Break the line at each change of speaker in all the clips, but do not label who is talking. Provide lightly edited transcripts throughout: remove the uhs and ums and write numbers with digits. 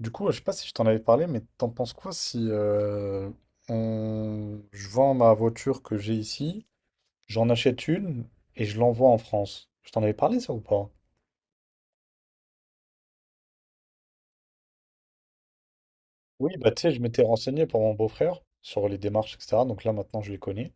Du coup, ouais, je sais pas si je t'en avais parlé, mais t'en penses quoi si je vends ma voiture que j'ai ici, j'en achète une et je l'envoie en France? Je t'en avais parlé ça ou pas? Oui, bah tu sais, je m'étais renseigné pour mon beau-frère sur les démarches, etc. Donc là maintenant je les connais.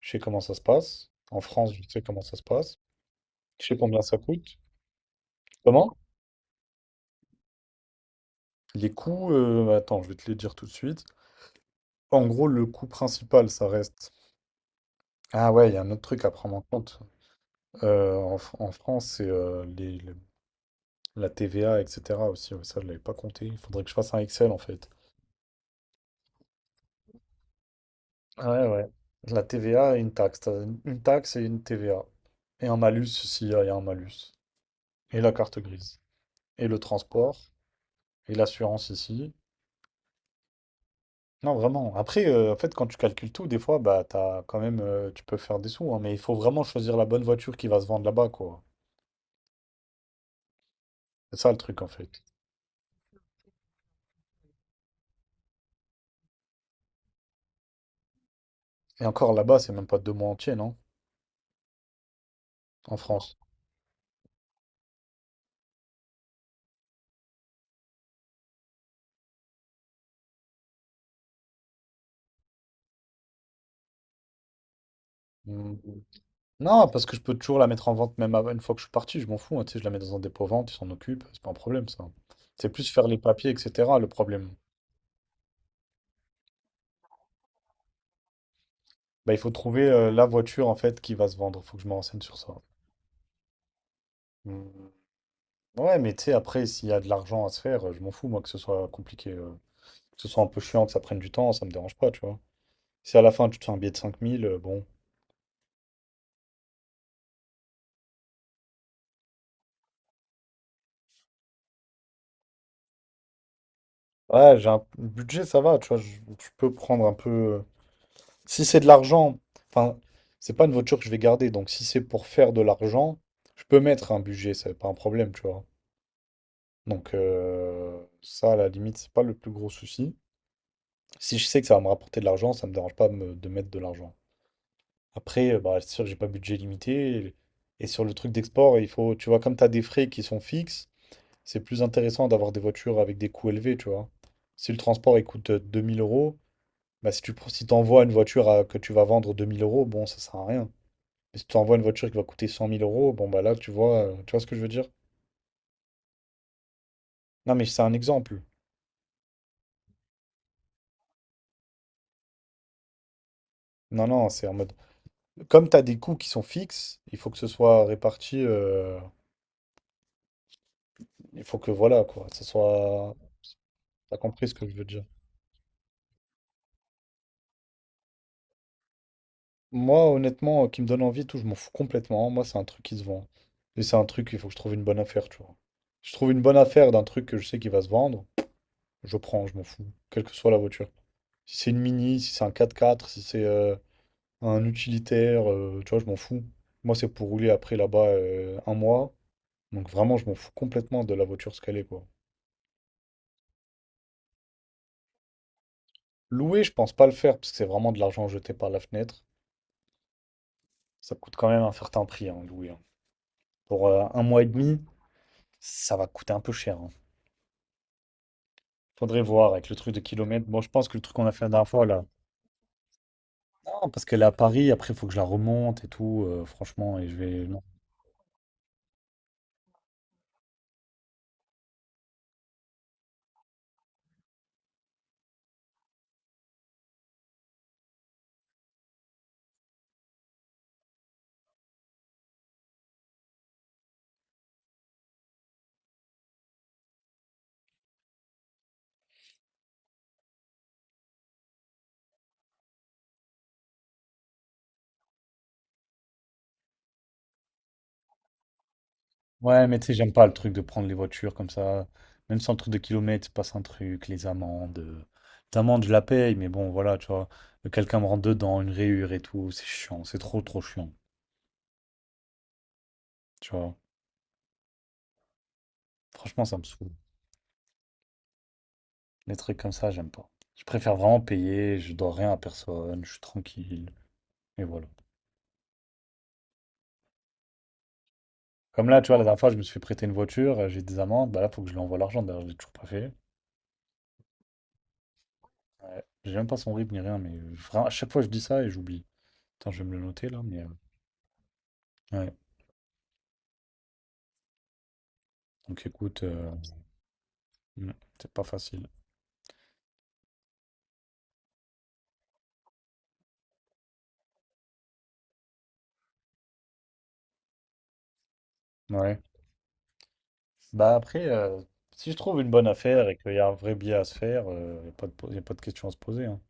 Je sais comment ça se passe. En France, je sais comment ça se passe. Je sais combien ça coûte. Comment? Les coûts, attends, je vais te les dire tout de suite. En gros, le coût principal, ça reste. Ah ouais, il y a un autre truc à prendre en compte. En France, c'est les la TVA, etc. aussi, ouais, ça je l'avais pas compté. Il faudrait que je fasse un Excel en fait. Ouais, ouais. La TVA et une taxe. T'as une taxe et une TVA. Et un malus s'il y a un malus. Et la carte grise. Et le transport. Et l'assurance ici. Non, vraiment. Après, en fait, quand tu calcules tout, des fois, bah, t'as quand même, tu peux faire des sous, hein, mais il faut vraiment choisir la bonne voiture qui va se vendre là-bas, quoi. C'est ça le truc, en fait. Et encore là-bas, c'est même pas deux mois entiers, non? En France. Mm. Non, parce que je peux toujours la mettre en vente une fois que je suis parti, je m'en fous, hein, tu sais, je la mets dans un dépôt vente, ils s'en occupent, c'est pas un problème ça. C'est plus faire les papiers, etc. le problème. Bah, il faut trouver la voiture en fait qui va se vendre, faut que je me renseigne sur ça. Hmm. Ouais, mais tu sais, après, s'il y a de l'argent à se faire, je m'en fous, moi, que ce soit compliqué, que ce soit un peu chiant, que ça prenne du temps, ça me dérange pas, tu vois. Si à la fin tu te fais un billet de 5 000, bon. Ouais, j'ai un budget, ça va, tu vois, je peux prendre un peu. Si c'est de l'argent, enfin, c'est pas une voiture que je vais garder, donc si c'est pour faire de l'argent, je peux mettre un budget, c'est pas un problème, tu vois. Donc ça, à la limite, c'est pas le plus gros souci. Si je sais que ça va me rapporter de l'argent, ça me dérange pas de mettre de l'argent. Après, bah, c'est sûr que j'ai pas budget limité. Et sur le truc d'export, il faut, tu vois, comme tu as des frais qui sont fixes, c'est plus intéressant d'avoir des voitures avec des coûts élevés, tu vois. Si le transport il coûte 2 000 euros, bah, si tu pro- si t'envoies une voiture que tu vas vendre 2 000 euros, bon, ça sert à rien. Mais si tu envoies une voiture qui va coûter 100 000 euros, bon, bah là, tu vois ce que je veux dire? Non, mais c'est un exemple. Non, non, c'est en mode. Comme tu as des coûts qui sont fixes, il faut que ce soit réparti. Il faut que, voilà, quoi, ça soit. T'as compris ce que je veux dire? Moi, honnêtement, qui me donne envie et tout, je m'en fous complètement. Moi, c'est un truc qui se vend. Et c'est un truc, il faut que je trouve une bonne affaire, tu vois. Je trouve une bonne affaire d'un truc que je sais qu'il va se vendre, je prends, je m'en fous, quelle que soit la voiture. Si c'est une Mini, si c'est un 4x4, si c'est un utilitaire, tu vois, je m'en fous. Moi, c'est pour rouler après là-bas un mois. Donc vraiment, je m'en fous complètement de la voiture ce qu'elle est, quoi. Louer, je pense pas le faire, parce que c'est vraiment de l'argent jeté par la fenêtre. Ça coûte quand même un certain prix, hein, louer, hein. Pour un mois et demi, ça va coûter un peu cher, hein. Faudrait voir avec le truc de kilomètres. Bon, je pense que le truc qu'on a fait la dernière fois, là. Non, parce qu'elle est à Paris, après, il faut que je la remonte et tout, franchement, et je vais. Ouais, mais tu sais, j'aime pas le truc de prendre les voitures comme ça. Même sans le truc de kilomètres, il se passe un truc, les amendes. Les amendes, je la paye, mais bon, voilà, tu vois. Quelqu'un me rentre dedans, une rayure et tout, c'est chiant, c'est trop, trop chiant. Tu vois, franchement, ça me saoule. Les trucs comme ça, j'aime pas. Je préfère vraiment payer, je dois rien à personne, je suis tranquille. Et voilà. Comme là, tu vois, la dernière fois, je me suis fait prêter une voiture, j'ai des amendes, bah là, faut que je lui envoie l'argent, d'ailleurs, je l'ai toujours pas fait. Ouais. J'ai même pas son RIB ni rien, mais vraiment, à chaque fois, je dis ça et j'oublie. Attends, je vais me le noter là, mais. Ouais. Donc écoute, mm, c'est pas facile. Ouais. Bah après, si je trouve une bonne affaire et qu'il y a un vrai billet à se faire, il n'y a pas y a pas de question à se poser, hein.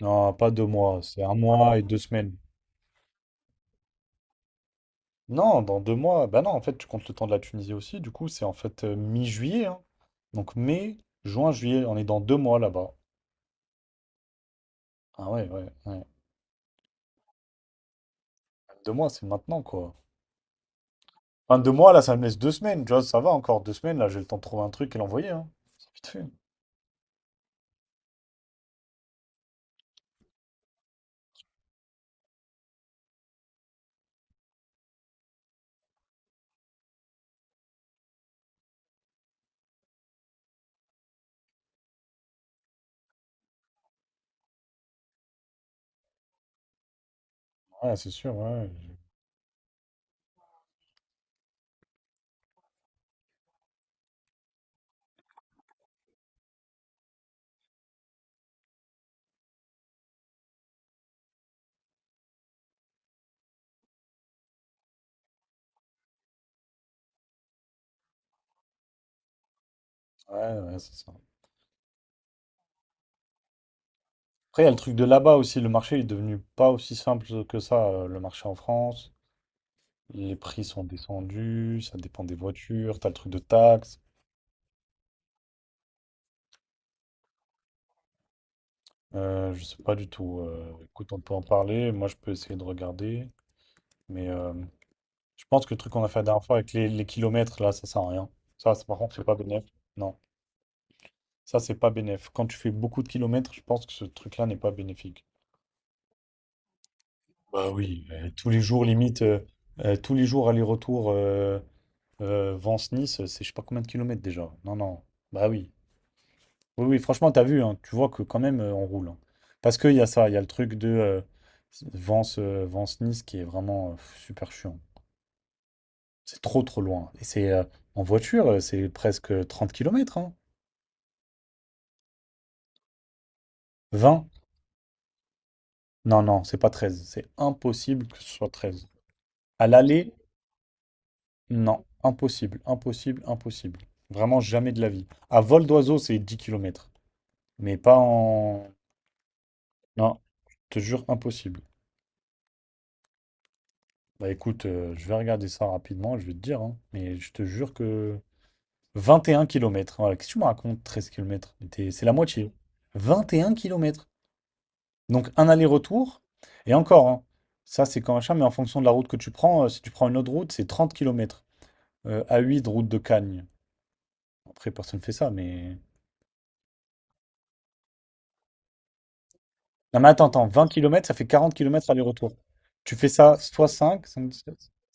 Non, pas deux mois, c'est un mois et deux semaines. Non, dans deux mois, bah non, en fait, tu comptes le temps de la Tunisie aussi. Du coup, c'est en fait mi-juillet, hein. Donc mai, juin, juillet, on est dans deux mois là-bas. Ah ouais, ouais, ouais. Deux mois, c'est maintenant, quoi. Enfin, deux mois, là, ça me laisse deux semaines. Tu vois, ça va encore deux semaines. Là, j'ai le temps de trouver un truc et l'envoyer. Hein. C'est vite fait. Ouais, c'est sûr, ouais. Ouais, ouais, ouais, c'est ça. Après, il y a le truc de là-bas aussi. Le marché est devenu pas aussi simple que ça, le marché en France. Les prix sont descendus, ça dépend des voitures. T'as le truc de taxes. Je sais pas du tout. Écoute, on peut en parler. Moi, je peux essayer de regarder. Mais je pense que le truc qu'on a fait la dernière fois avec les kilomètres, là, ça sert à rien. Ça, par contre, c'est pas bénéf. Non, ça, c'est pas bénéf. Quand tu fais beaucoup de kilomètres, je pense que ce truc-là n'est pas bénéfique. Bah oui, tous les jours, limite, tous les jours aller-retour Vence-Nice, c'est je sais pas combien de kilomètres déjà. Non, non. Bah oui. Oui, oui, franchement, t'as vu, hein, tu vois que quand même, on roule, hein. Parce qu'il y a ça, il y a le truc de Vence-Nice qui est vraiment super chiant. C'est trop, trop loin. Et c'est en voiture, c'est presque 30 kilomètres, hein. 20? Non, non, c'est pas treize. C'est impossible que ce soit treize. À l'aller, non, impossible, impossible, impossible. Vraiment jamais de la vie. À vol d'oiseau, c'est 10 kilomètres. Mais pas en. Non, je te jure, impossible. Bah écoute, je vais regarder ça rapidement, je vais te dire, hein. Mais je te jure que 21 kilomètres. Voilà, qu'est-ce que tu me racontes, 13 km? C'est la moitié. 21 kilomètres. Donc un aller-retour. Et encore, hein, ça c'est quand machin, mais en fonction de la route que tu prends, si tu prends une autre route, c'est 30 km. A8, route de Cagnes. Après, personne fait ça, mais. Non mais attends, attends, 20 kilomètres, ça fait 40 kilomètres aller-retour. Tu fais ça soit 5, ça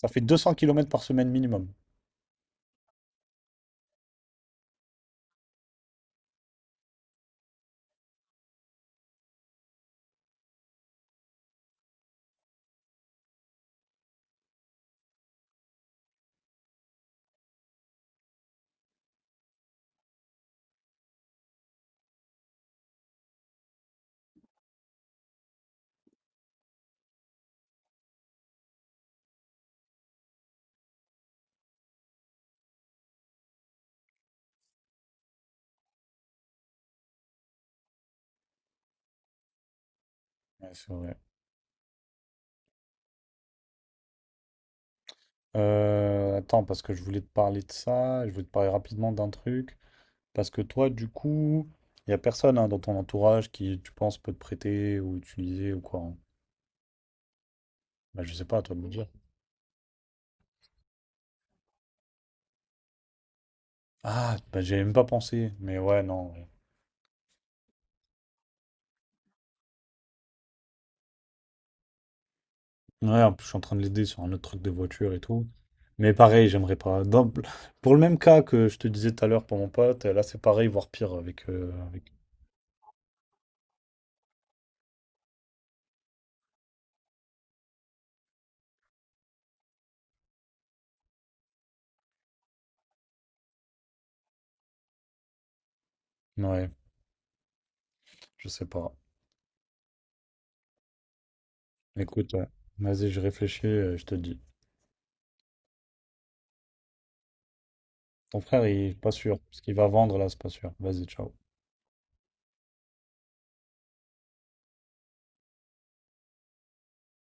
fait 200 kilomètres par semaine minimum. Ouais, c'est vrai. Attends, parce que je voulais te parler de ça, je voulais te parler rapidement d'un truc. Parce que toi, du coup, il n'y a personne hein, dans ton entourage qui, tu penses, peut te prêter ou utiliser ou quoi, hein. Bah, je sais pas, à toi de me dire. Ah, bah, j'y avais même pas pensé. Mais ouais, non. Ouais, ouais, en plus, je suis en train de l'aider sur un autre truc de voiture et tout. Mais pareil, j'aimerais pas. Pour le même cas que je te disais tout à l'heure pour mon pote, là, c'est pareil, voire pire avec. Ouais, je sais pas. Écoute, ouais. Vas-y, je réfléchis, je te dis. Ton frère, il est pas sûr. Ce qu'il va vendre là, c'est pas sûr. Vas-y, ciao.